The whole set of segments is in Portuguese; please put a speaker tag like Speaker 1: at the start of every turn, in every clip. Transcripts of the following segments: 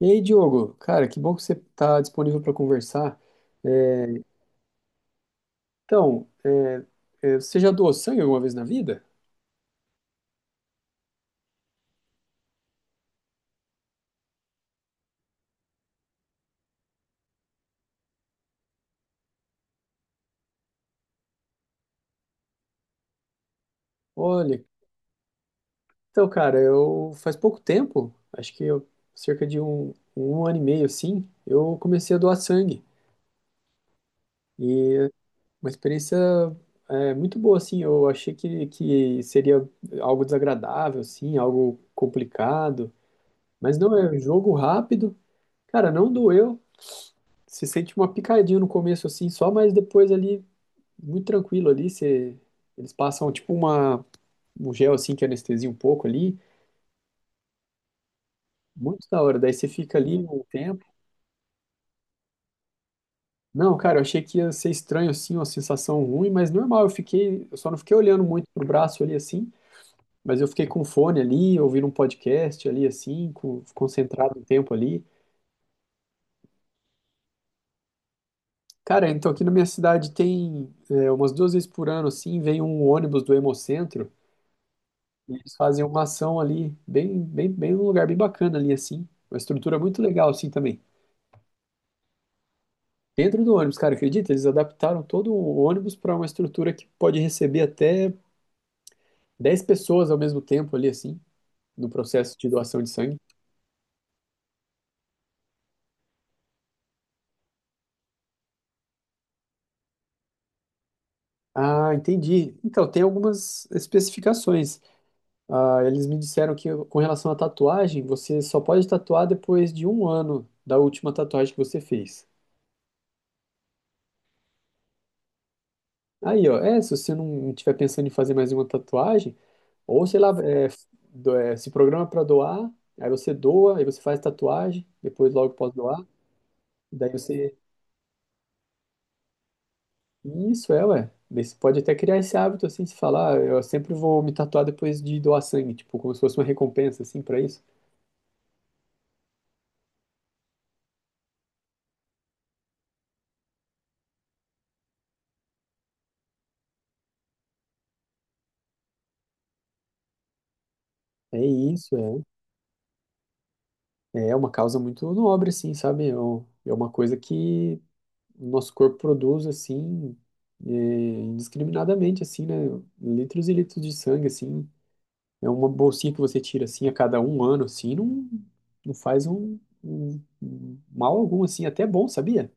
Speaker 1: E aí, Diogo, cara, que bom que você está disponível para conversar. É, então, você já doou sangue alguma vez na vida? Olha, então, cara, eu faz pouco tempo, acho que cerca de um ano e meio, assim, eu comecei a doar sangue. E é uma experiência, muito boa, assim. Eu achei que seria algo desagradável, assim, algo complicado. Mas não, é um jogo rápido. Cara, não doeu. Se sente uma picadinha no começo, assim, só, mas depois ali muito tranquilo ali. Eles passam tipo um gel assim que anestesia um pouco ali. Muito da hora. Daí você fica ali um tempo. Não, cara, eu achei que ia ser estranho assim, uma sensação ruim, mas normal. Eu só não fiquei olhando muito pro braço ali assim, mas eu fiquei com o fone ali, ouvindo um podcast ali assim, concentrado um tempo ali. Cara, então aqui na minha cidade tem, umas duas vezes por ano assim, vem um ônibus do Hemocentro. Eles fazem uma ação ali, bem, bem, bem num lugar bem bacana ali, assim. Uma estrutura muito legal, assim, também. Dentro do ônibus, cara, acredita? Eles adaptaram todo o ônibus para uma estrutura que pode receber até 10 pessoas ao mesmo tempo ali, assim, no processo de doação de sangue. Ah, entendi. Então, tem algumas especificações. Ah, eles me disseram que com relação à tatuagem, você só pode tatuar depois de um ano da última tatuagem que você fez. Aí, ó, se você não estiver pensando em fazer mais uma tatuagem, ou, sei lá, se programa para doar, aí você doa, aí você faz tatuagem, depois logo pode doar. Daí você. Isso é, ué. Daí você pode até criar esse hábito, assim, de falar, "Ah, eu sempre vou me tatuar depois de doar sangue, tipo, como se fosse uma recompensa, assim, para isso. É isso, é. É uma causa muito nobre, assim, sabe? É uma coisa que o nosso corpo produz, assim, indiscriminadamente, assim, né? Litros e litros de sangue, assim. É uma bolsinha que você tira assim a cada um ano, assim, não faz um mal algum, assim, até bom, sabia?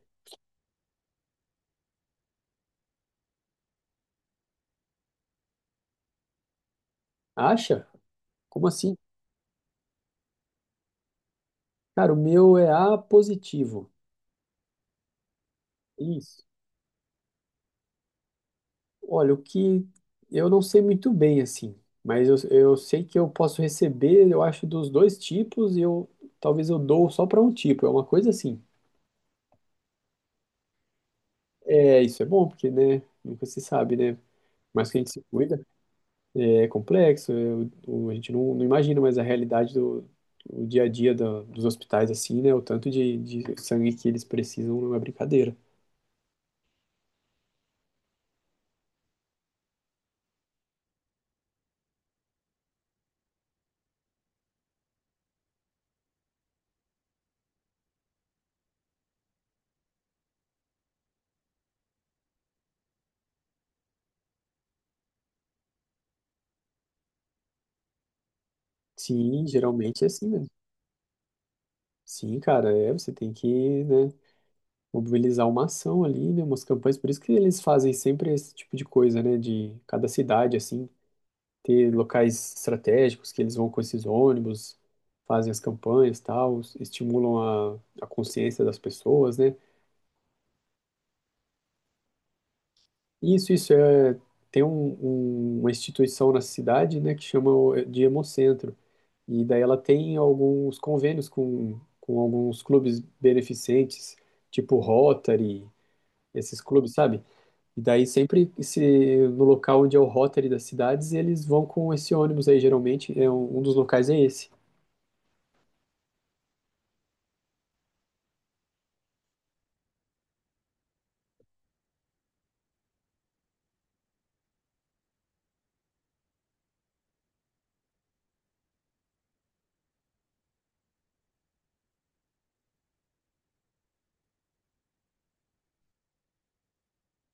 Speaker 1: Acha? Como assim? Cara, o meu é A positivo. Isso. Olha, o que eu não sei muito bem, assim, mas eu sei que eu posso receber, eu acho, dos dois tipos, e eu talvez eu dou só para um tipo, é uma coisa assim. É, isso é bom, porque, né, nunca se sabe, né? Mas que a gente se cuida. É complexo, a gente não imagina, mais a realidade do o dia a dia dos hospitais, assim, né? O tanto de sangue que eles precisam não é brincadeira. Sim, geralmente é assim mesmo. Sim, cara, você tem que, né, mobilizar uma ação ali, né, umas campanhas. Por isso que eles fazem sempre esse tipo de coisa, né, de cada cidade, assim, ter locais estratégicos que eles vão com esses ônibus, fazem as campanhas, tal, estimulam a consciência das pessoas, né. Isso é. Tem uma instituição na cidade, né, que chama de Hemocentro. E daí ela tem alguns convênios com alguns clubes beneficentes, tipo Rotary, esses clubes, sabe? E daí sempre se no local onde é o Rotary das cidades, eles vão com esse ônibus aí, geralmente, é um dos locais é esse.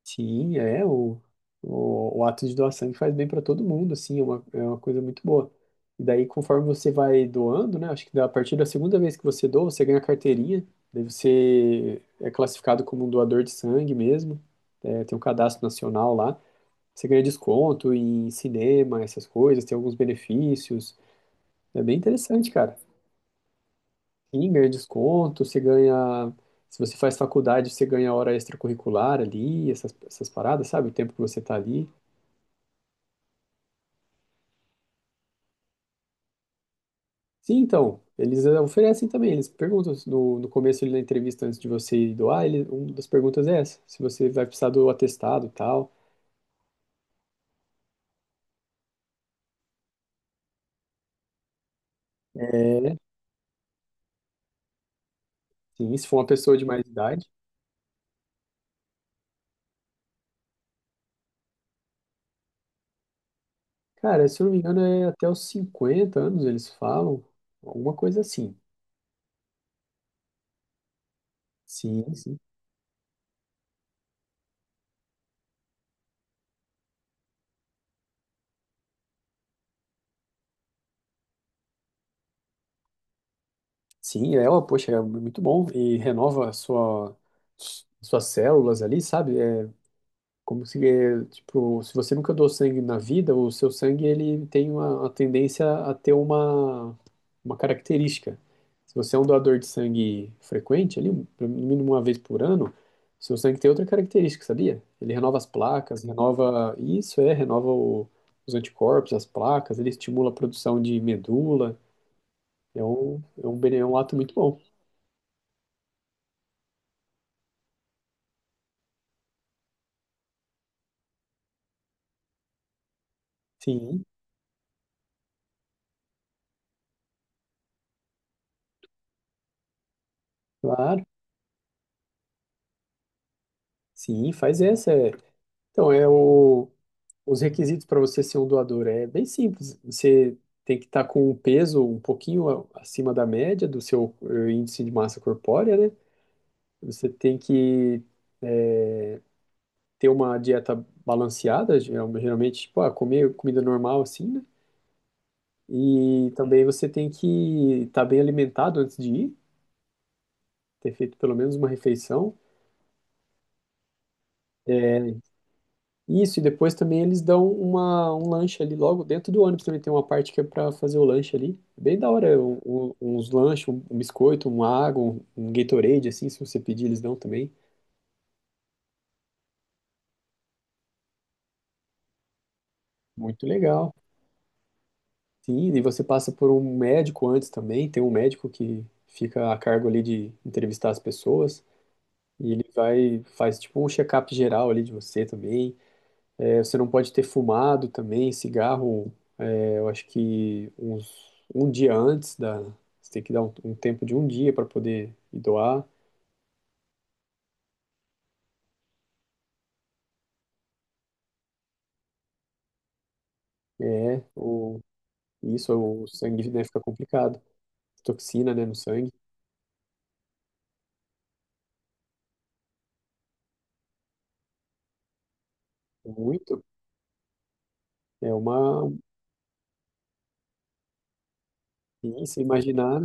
Speaker 1: Sim, o ato de doar sangue faz bem para todo mundo, assim, é uma coisa muito boa. E daí, conforme você vai doando, né, acho que a partir da segunda vez que você doa, você ganha a carteirinha, daí você é classificado como um doador de sangue mesmo, tem um cadastro nacional lá, você ganha desconto em cinema, essas coisas, tem alguns benefícios, é bem interessante, cara. Sim, ganha desconto, você ganha... Se você faz faculdade, você ganha hora extracurricular ali, essas paradas, sabe? O tempo que você tá ali. Sim, então, eles oferecem também, eles perguntam se no começo ali na entrevista, antes de você ir doar, uma das perguntas é essa, se você vai precisar do atestado e tal. É, né? Sim, se for uma pessoa de mais idade. Cara, se eu não me engano, é até os 50 anos eles falam, alguma coisa assim. Sim, sim. Sim, ó, poxa, é muito bom, e renova suas células ali, sabe? Como se, tipo, se você nunca doou sangue na vida, o seu sangue ele tem uma tendência a ter uma característica. Se você é um doador de sangue frequente, ali, pelo mínimo uma vez por ano, seu sangue tem outra característica, sabia? Ele renova as placas, renova isso, renova os anticorpos, as placas, ele estimula a produção de medula. É um ato muito bom. Sim, claro. Sim, faz essa. É. Então, é o. Os requisitos para você ser um doador é bem simples. Você tem que estar com um peso um pouquinho acima da média do seu índice de massa corpórea, né? Você tem que ter uma dieta balanceada, geralmente, tipo, comer comida normal assim, né? E também você tem que estar bem alimentado antes de ir, ter feito pelo menos uma refeição. Isso, e depois também eles dão um lanche ali logo dentro do ônibus também. Tem uma parte que é pra fazer o lanche ali. É bem da hora, uns lanches, um biscoito, uma água, um Gatorade, assim, se você pedir, eles dão também. Muito legal. Sim, e você passa por um médico antes também. Tem um médico que fica a cargo ali de entrevistar as pessoas. E faz tipo um check-up geral ali de você também. É, você não pode ter fumado também, cigarro. Eu acho que um dia antes da. Você tem que dar um tempo de um dia para poder ir doar. É, o, isso, o sangue, né, fica complicado. Toxina, né, no sangue, muito. É uma. E se imaginar,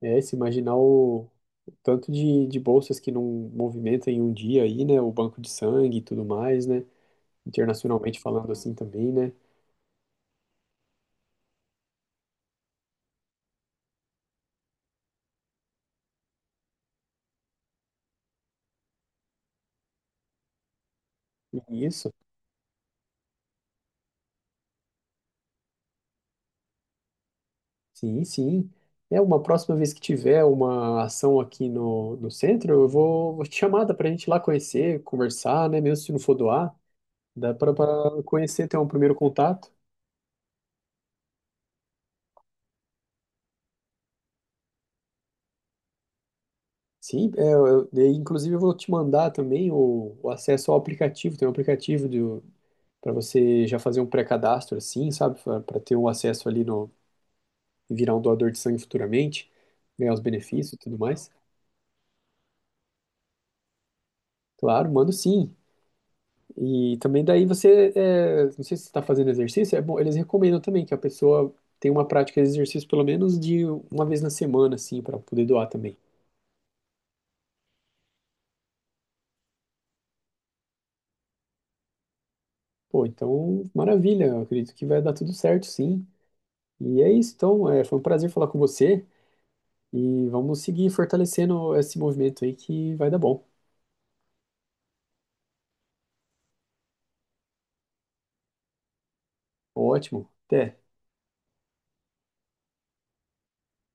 Speaker 1: Se imaginar o tanto de bolsas que não movimentam em um dia aí, né? O banco de sangue e tudo mais, né? Internacionalmente falando assim também, né? E isso. Sim, sim. É, uma próxima vez que tiver uma ação aqui no centro, vou te chamar, dá pra gente ir lá conhecer, conversar, né? Mesmo se não for doar, dá pra conhecer, ter um primeiro contato. Sim, e, inclusive eu vou te mandar também o acesso ao aplicativo, tem um aplicativo do, para você já fazer um pré-cadastro assim, sabe? Para ter um acesso ali no, virar um doador de sangue futuramente, ganhar os benefícios e tudo mais. Claro, mando sim. E também daí não sei se você está fazendo exercício, é bom, eles recomendam também que a pessoa tenha uma prática de exercício pelo menos de uma vez na semana, assim, para poder doar também. Pô, então, maravilha, eu acredito que vai dar tudo certo, sim. E é isso, então, foi um prazer falar com você e vamos seguir fortalecendo esse movimento aí que vai dar bom. Ótimo, até.